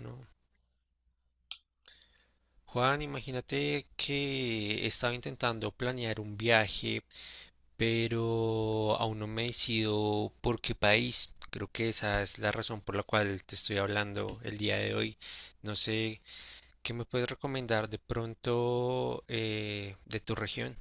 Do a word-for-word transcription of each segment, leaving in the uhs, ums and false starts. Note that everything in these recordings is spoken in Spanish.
¿No? Juan, imagínate que estaba intentando planear un viaje, pero aún no me decido por qué país. Creo que esa es la razón por la cual te estoy hablando el día de hoy. No sé, ¿qué me puedes recomendar de pronto eh, de tu región?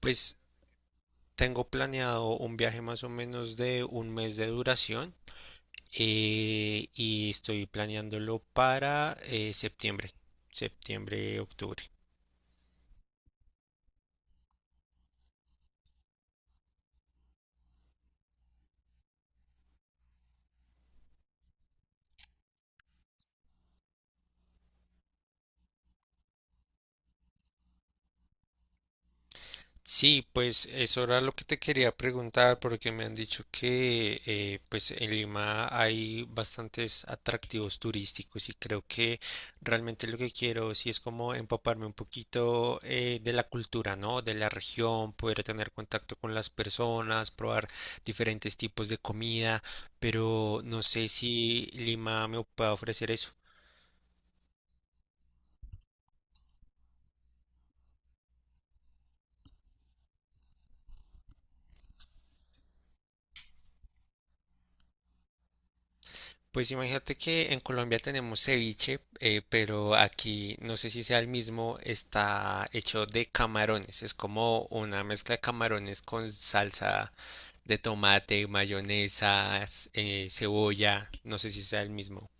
Pues tengo planeado un viaje más o menos de un mes de duración eh, y estoy planeándolo para eh, septiembre, septiembre, octubre. Sí, pues eso era lo que te quería preguntar porque me han dicho que eh, pues en Lima hay bastantes atractivos turísticos y creo que realmente lo que quiero sí es como empaparme un poquito eh, de la cultura, ¿no? De la región, poder tener contacto con las personas, probar diferentes tipos de comida, pero no sé si Lima me puede ofrecer eso. Pues imagínate que en Colombia tenemos ceviche, eh, pero aquí no sé si sea el mismo, está hecho de camarones. Es como una mezcla de camarones con salsa de tomate, mayonesa, cebolla. No sé si sea el mismo.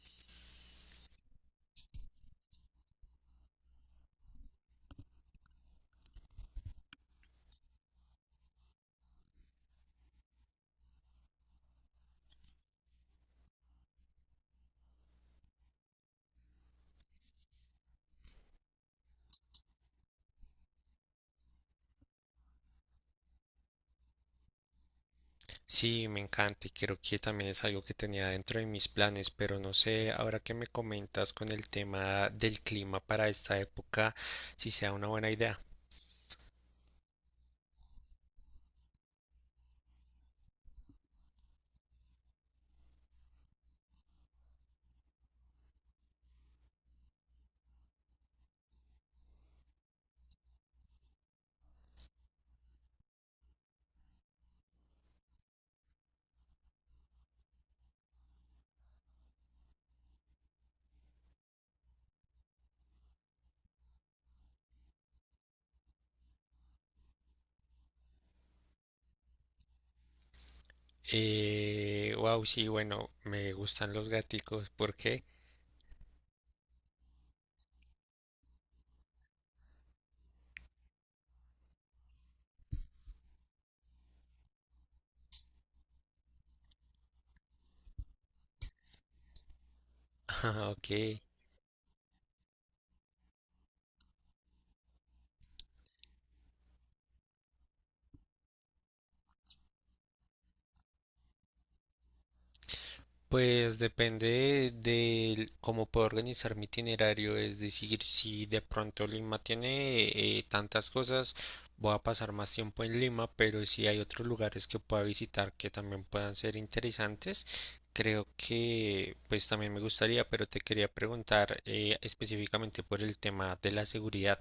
Sí, me encanta y creo que también es algo que tenía dentro de mis planes, pero no sé, ahora que me comentas con el tema del clima para esta época, si sea una buena idea. Eh, wow, sí, bueno, me gustan los gaticos. ¿Por qué? Ah, ok. Pues depende de cómo puedo organizar mi itinerario. Es decir, si de pronto Lima tiene eh, tantas cosas, voy a pasar más tiempo en Lima, pero si hay otros lugares que pueda visitar que también puedan ser interesantes, creo que pues también me gustaría, pero te quería preguntar eh, específicamente por el tema de la seguridad.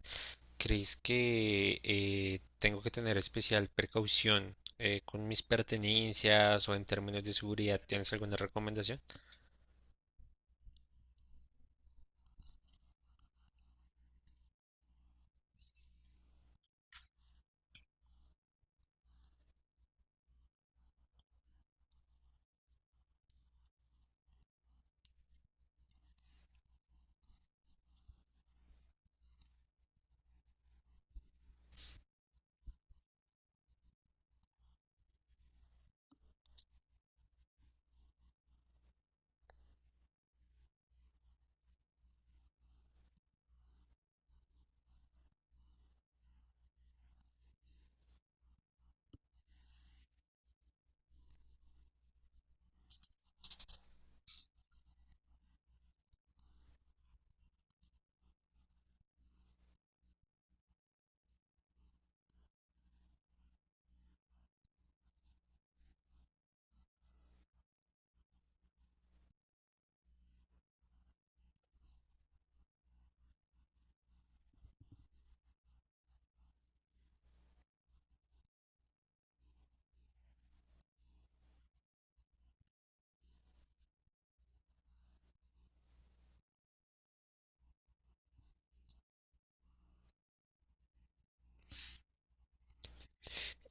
¿Crees que eh, tengo que tener especial precaución eh, con mis pertenencias o en términos de seguridad? ¿Tienes alguna recomendación?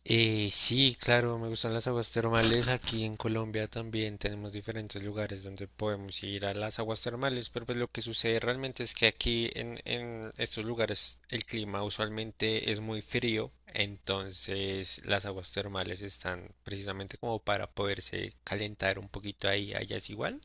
Eh, sí, claro, me gustan las aguas termales. Aquí en Colombia también tenemos diferentes lugares donde podemos ir a las aguas termales, pero pues lo que sucede realmente es que aquí en, en estos lugares el clima usualmente es muy frío. Entonces las aguas termales están precisamente como para poderse calentar un poquito ahí. ¿Allá es igual?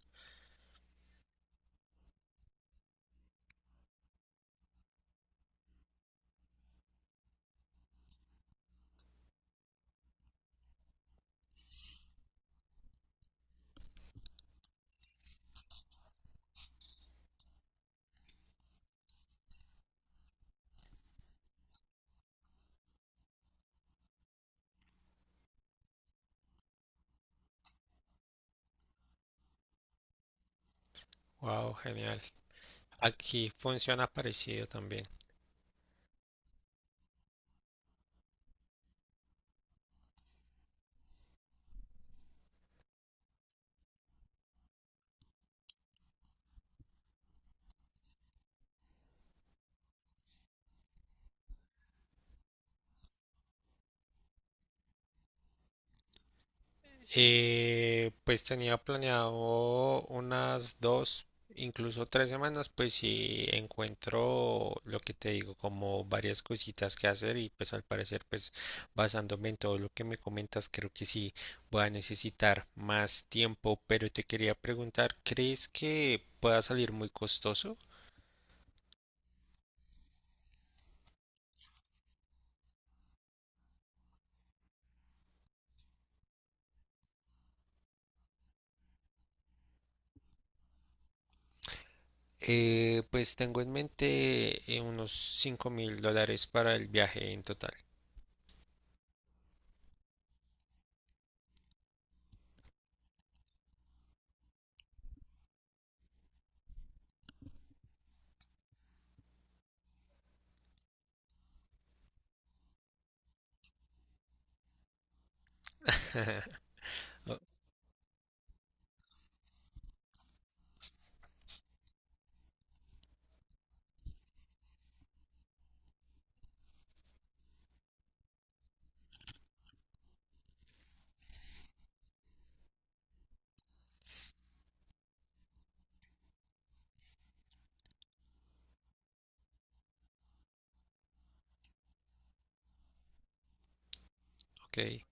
Wow, genial. Aquí funciona parecido también. Eh, pues tenía planeado unas dos, incluso tres semanas, pues si encuentro lo que te digo, como varias cositas que hacer y pues al parecer, pues basándome en todo lo que me comentas, creo que sí voy a necesitar más tiempo, pero te quería preguntar, ¿crees que pueda salir muy costoso? Eh, pues tengo en mente eh, unos cinco mil dólares para el viaje en total. Oh, ok.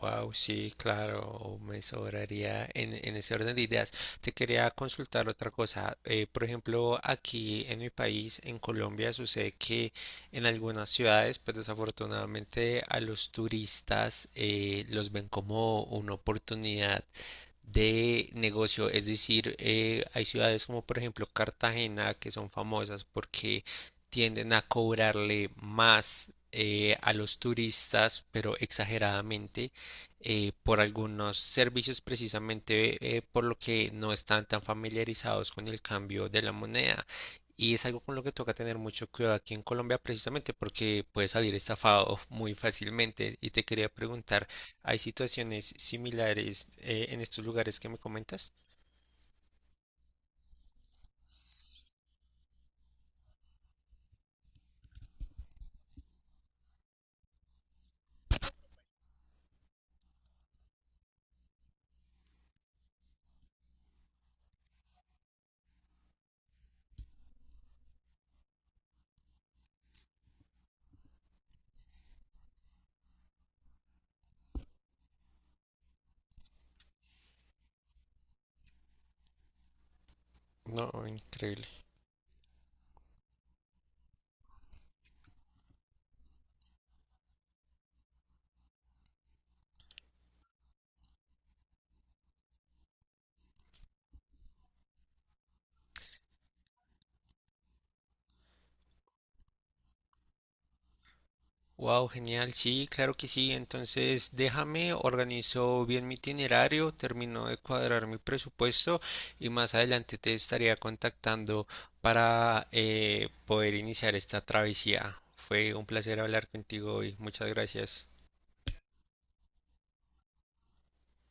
Wow, sí, claro, me sobraría en, en ese orden de ideas. Te quería consultar otra cosa. Eh, por ejemplo, aquí en mi país, en Colombia, sucede que en algunas ciudades, pues desafortunadamente a los turistas eh, los ven como una oportunidad de negocio. Es decir, eh, hay ciudades como por ejemplo Cartagena que son famosas porque tienden a cobrarle más eh, a los turistas, pero exageradamente eh, por algunos servicios precisamente eh, por lo que no están tan familiarizados con el cambio de la moneda. Y es algo con lo que toca tener mucho cuidado aquí en Colombia precisamente porque puedes salir estafado muy fácilmente. Y te quería preguntar, ¿hay situaciones similares eh, en estos lugares que me comentas? No, increíble. Wow, genial. Sí, claro que sí. Entonces, déjame, organizo bien mi itinerario, termino de cuadrar mi presupuesto y más adelante te estaría contactando para eh, poder iniciar esta travesía. Fue un placer hablar contigo hoy. Muchas gracias.